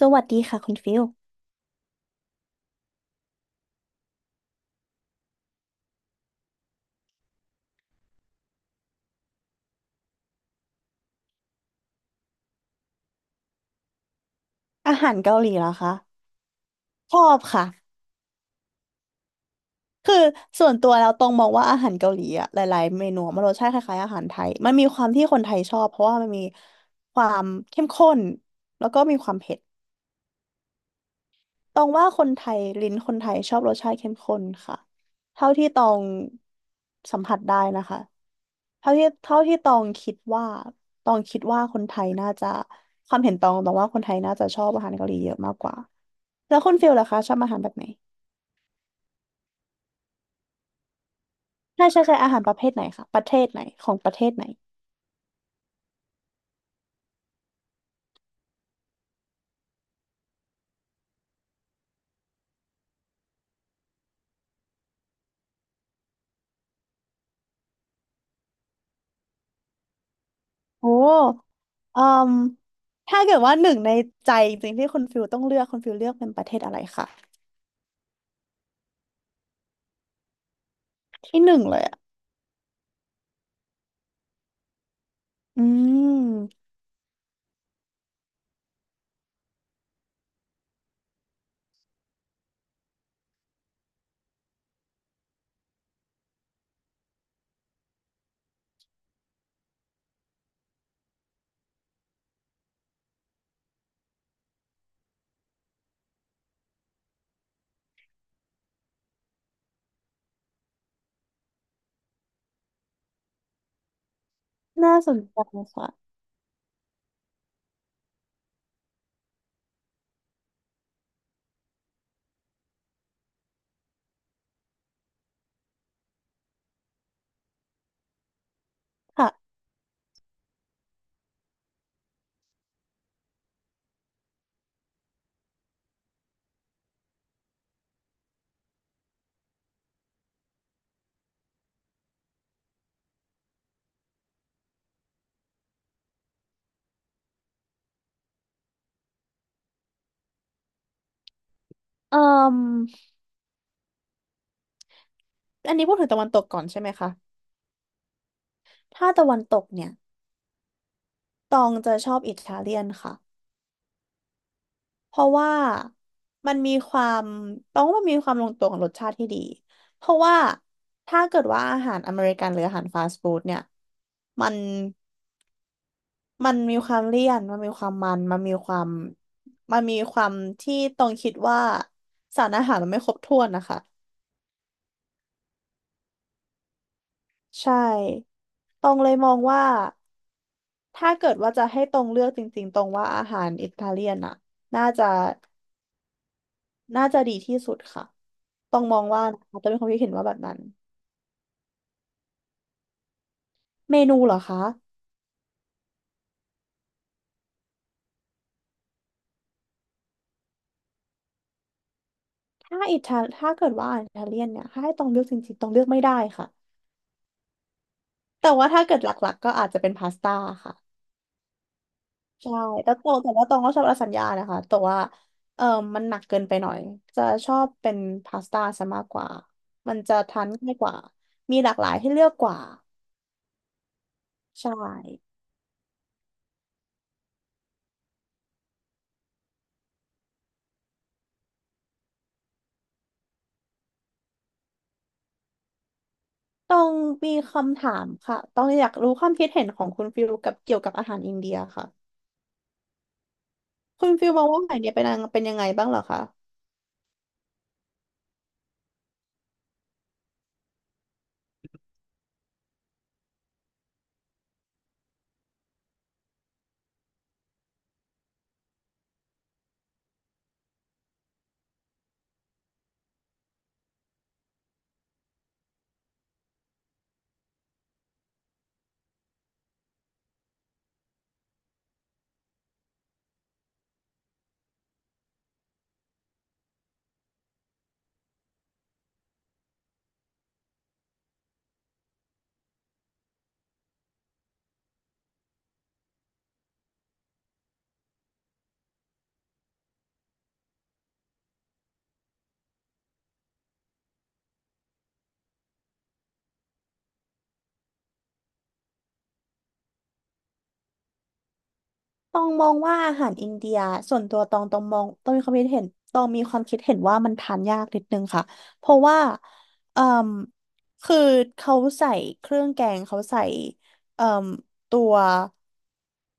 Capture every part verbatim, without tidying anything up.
สวัสดีค่ะคุณฟิลอาหารเกาหลีเหรอคะชอบค่ะ คือส่วนตัวแล้วตรงมองว่าอาหารเกาหลีอะหลายๆเมนูมันรสชาติคล้ายๆอาหารไทยมันมีความที่คนไทยชอบเพราะว่ามันมีความเข้มข้นแล้วก็มีความเผ็ดตรงว่าคนไทยลิ้นคนไทยชอบรสชาติเข้มข้นค่ะเท่าที่ตองสัมผัสได้นะคะเท่าที่เท่าที่ตองคิดว่าตองคิดว่าคนไทยน่าจะความเห็นตองตองว่าคนไทยน่าจะชอบอาหารเกาหลีเยอะมากกว่าแล้วคุณฟิลล่ะคะชอบอาหารแบบไหน ใช่ใช่ใช่อาหารประเภทไหนคะประเทศไหนของประเทศไหนโอ้เอ่มถ้าเกิดว่าหนึ่งในใจจริงๆที่คุณฟิลต้องเลือกคุณฟิลเลือกเป็นประเทศอะไรคะที่หนึ่งเลยอ่ะอืมน่าสนใจค่ะค่ะเอ่มอันนี้พูดถึงตะวันตกก่อนใช่ไหมคะถ้าตะวันตกเนี่ยตองจะชอบอิตาเลียนค่ะเพราะว่ามันมีความตองว่ามันมีความลงตัวของรสชาติที่ดีเพราะว่าถ้าเกิดว่าอาหารอเมริกันหรืออาหารฟาสต์ฟู้ดเนี่ยมัน มันมีความเลี่ยนมันมีความมันมันมีความ มันมีความที่ตรงคิดว่าสารอาหารมันไม่ครบถ้วนนะคะ ใช่ ตรงเลยมองว่าถ้าเกิดว่าจะให้ตรงเลือกจริงๆตรงว่าอาหารอิตาเลียนอะน่าจะน่าจะดีที่สุดค่ะ ตรงมองว่านะคะตองมีความคิดเห็นว่าแบบนั้น เมนูเหรอคะ ถ้าอิตาถ้าเกิดว่าอาหารอิตาเลียนเนี่ยถ้าให้ตรงเลือกจริงๆตรงเลือกไม่ได้ค่ะแต่ว่าถ้าเกิดหลักๆก็อาจจะเป็นพาสต้าค่ะ ใช่แต่ตองแต่ว่าตองก็ชอบลาซานญ่านะคะแต่ว่าเออมันหนักเกินไปหน่อยจะชอบเป็นพาสต้าซะมากกว่ามันจะทานง่ายกว่ามีหลากหลายให้เลือกกว่าใช่ต้องมีคำถามค่ะต้องอยากรู้ความคิดเห็นของคุณฟิลกับเกี่ยวกับอาหารอินเดียค่ะคุณฟิลมองว่าอาหารอินเดียเป็นยังเป็นยังไงบ้างเหรอคะ ตองมองว่าอาหารอินเดียส่วนตัวตองตองมองตองมีความคิดเห็นตองมีความคิดเห็นว่ามันทานยากนิดนึงค่ะเพราะว่าเอ่มคือเขาใส่เครื่องแกงเขาใส่เอ่มตัว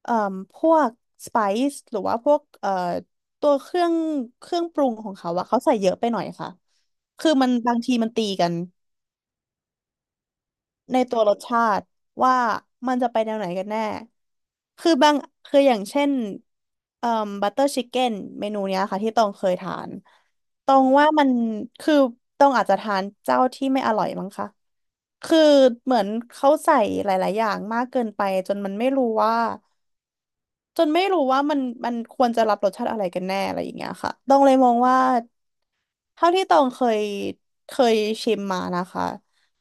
เอ่มพวกสไปซ์หรือว่าพวกเอ่อตัวเครื่องเครื่องปรุงของเขาอะเขาใส่เยอะไปหน่อยค่ะคือมันบางทีมันตีกัน ในตัวรสชาติว่ามันจะไปแนวไหนกันแน่ คือบางคืออย่างเช่นเอ่อบัตเตอร์ชิคเก้นเมนูเนี้ยค่ะที่ตองเคยทานตองว่ามันคือตองอาจจะทานเจ้าที่ไม่อร่อยมั้งคะคือเหมือนเขาใส่หลายๆอย่างมากเกินไปจนมันไม่รู้ว่าจนไม่รู้ว่ามันมันควรจะรับรสชาติอะไรกันแน่อะไรอย่างเงี้ยค่ะต้องเลยมองว่า เท่าที่ตองเคยเคยชิมมานะคะ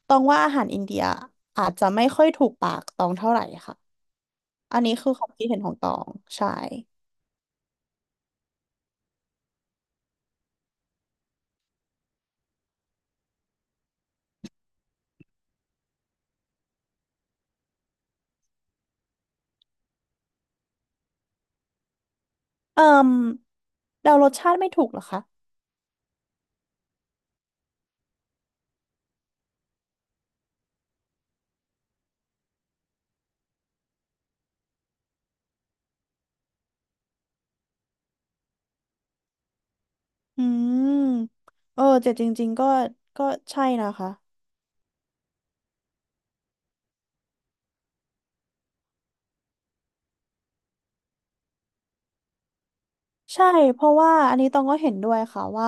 ตองว่าอาหารอินเดียอาจจะไม่ค่อยถูกปากตองเท่าไหร่ค่ะอันนี้คือความคิดเห็นของตองใช่เอ่มเดารสชาติไม่ถูกเหรอคะอืมเออแต่จริงๆก็ก็ใช่นะคะใช่เพราะว่าอันนี้ตองก็เห็นด้วยค่ะว่า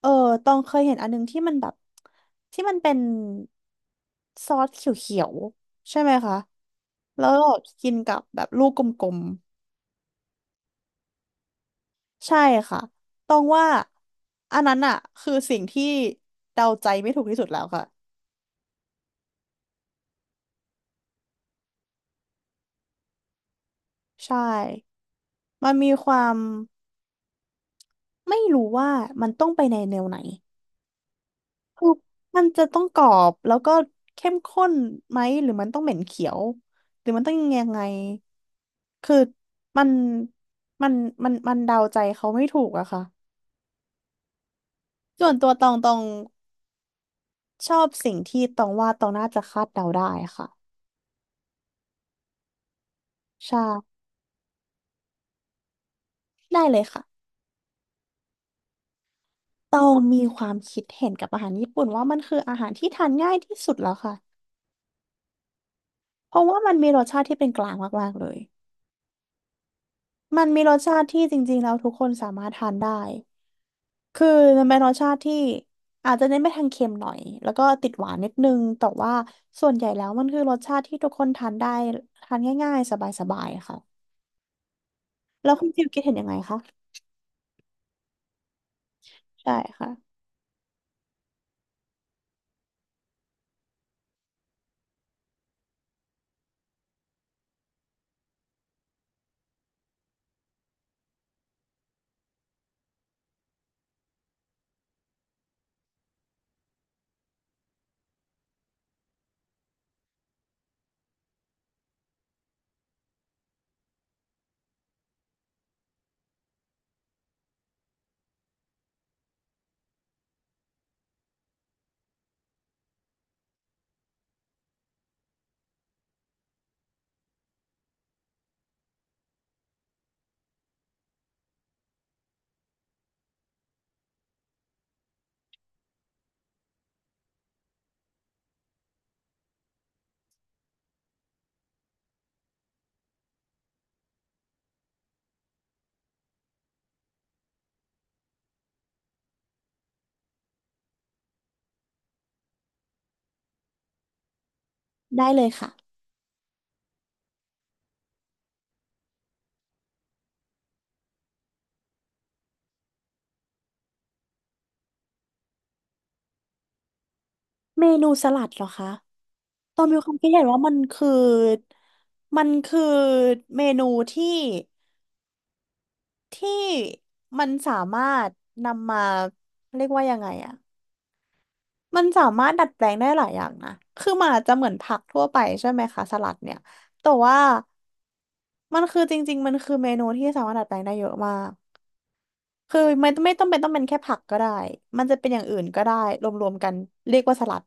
เออตองเคยเห็นอันนึงที่มันแบบที่มันเป็นซอสเขียวๆใช่ไหมคะแล้วก็กินกับแบบลูกกลมๆ ใช่ค่ะต้องว่าอันนั้นอะคือสิ่งที่เดาใจไม่ถูกที่สุดแล้วค่ะใช่มันมีความไม่รู้ว่ามันต้องไปในแนวไหนคือมันจะต้องกรอบแล้วก็เข้มข้นไหมหรือมันต้องเหม็นเขียวหรือมันต้องยังไงคือมันมันมันมันเดาใจเขาไม่ถูกอะค่ะส่วนตัวตองตองชอบสิ่งที่ตองว่าตองน่าจะคาดเดาได้ค่ะใช่ได้เลยค่ะ ตองมีความคิดเห็นกับอาหารญี่ปุ่นว่ามันคืออาหารที่ทานง่ายที่สุดแล้วค่ะ เพราะว่ามันมีรสชาติที่เป็นกลางมาก ๆ เลย มันมีรสชาติที่จริง ๆ แล้วทุกคนสามารถทานได้ คือมันเป็นรสชาติที่อาจจะเน้นไปทางเค็มหน่อย แล้วก็ติดหวานนิดนึงแต่ว่าส่วนใหญ่แล้วมันคือรสชาติที่ทุกคนทานได้ทานง่ายๆสบายๆค่ะแล้วคุณฟิลคิดเห็นยังไงคะใช่ค่ะได้เลยค่ะเมนูสลัดเหรอคะ ตอนมีความคิดเห็นว่ามันคือมันคือเมนูที่ที่มันสามารถนำมาเรียกว่ายังไงอะมันสามารถดัดแปลงได้หลายอย่างนะคือมันอาจจะเหมือนผักทั่วไปใช่ไหมคะสลัดเนี่ยแต่ว่ามันคือจริงๆมันคือเมนูที่สามารถดัดแปลงได้เยอะมากคือไม่ไม่ต้องเป็นต้องเป็นแค่ผักก็ได้มันจะเป็นอย่างอื่นก็ได้รวมๆกันเรียกว่าสลัด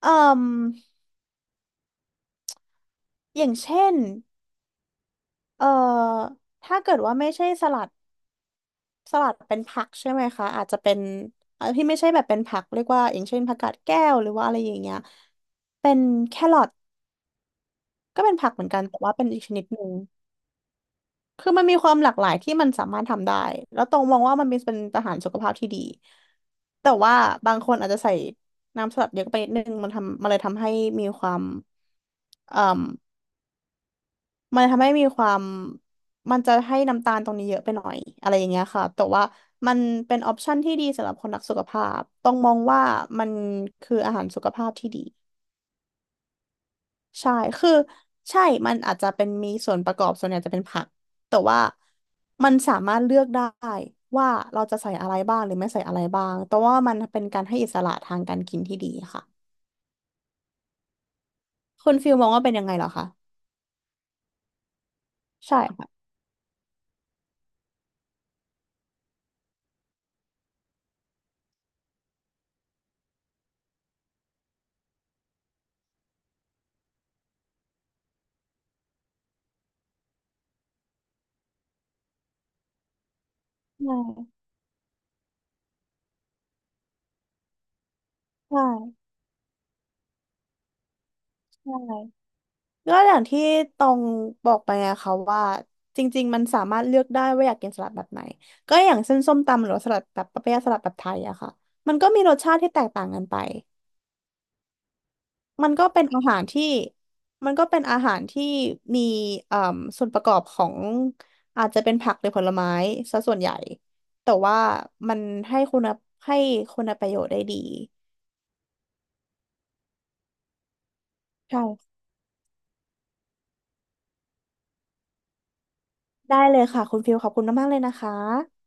เอ่มอย่างเช่นเอ่อถ้าเกิดว่าไม่ใช่สลัด สลัดเป็นผักใช่ไหมคะอาจจะเป็นเอ่อที่ไม่ใช่แบบเป็นผักเรียกว่าอย่างเช่นผักกาดแก้วหรือว่าอะไรอย่างเงี้ยเป็นแครอทก็เป็นผักเหมือนกันแต่ว่าเป็นอีกชนิดหนึ่งคือมันมีความหลากหลายที่มันสามารถทำได้แล้วตรงมองว่ามันเป็นเป็นอาหารสุขภาพที่ดีแต่ว่าบางคนอาจจะใส่น้ำสลัดเยอะไปนิดนึงมันทำมันเลยทำให้มีความเอ่อ มันทำให้มีความมันจะให้น้ำตาลตรงนี้เยอะไปหน่อยอะไรอย่างเงี้ยค่ะแต่ว่ามันเป็นออปชันที่ดีสำหรับคนรักสุขภาพต้องมองว่ามันคืออาหารสุขภาพที่ดีใช่คือใช่มันอาจจะเป็นมีส่วนประกอบส่วนใหญ่จะเป็นผักแต่ว่ามันสามารถเลือกได้ว่าเราจะใส่อะไรบ้างหรือไม่ใส่อะไรบ้างแต่ว่ามันเป็นการให้อิสระทางการกินที่ดีค่ะคุณฟิลมองว่าเป็นยังไงเหรอคะใช่ค่ะใช่ใช่ใช่ ก็อย่างที่ตองบอกไปไงคะว่าจริงๆมันสามารถเลือกได้ว่าอยากกินสลัดแบบไหนก็อย่างเส้นส้มตำหรือว่าสลัดแบบปะเปี๊ยะสลัดแบบไทยอะค่ะมันก็มีรสชาติที่แตกต่างกันไปมันก็เป็นอาหารที่มันก็เป็นอาหารที่มีเอ่อส่วนประกอบของอาจจะเป็นผักหรือผลไม้ซะส่วนใหญ่แต่ว่ามันให้คุณภาพให้คุณประโยชน์ได้ดีใช่ได้เลยค่ะคุณฟิลขอบคุณมากๆเลยนะคะ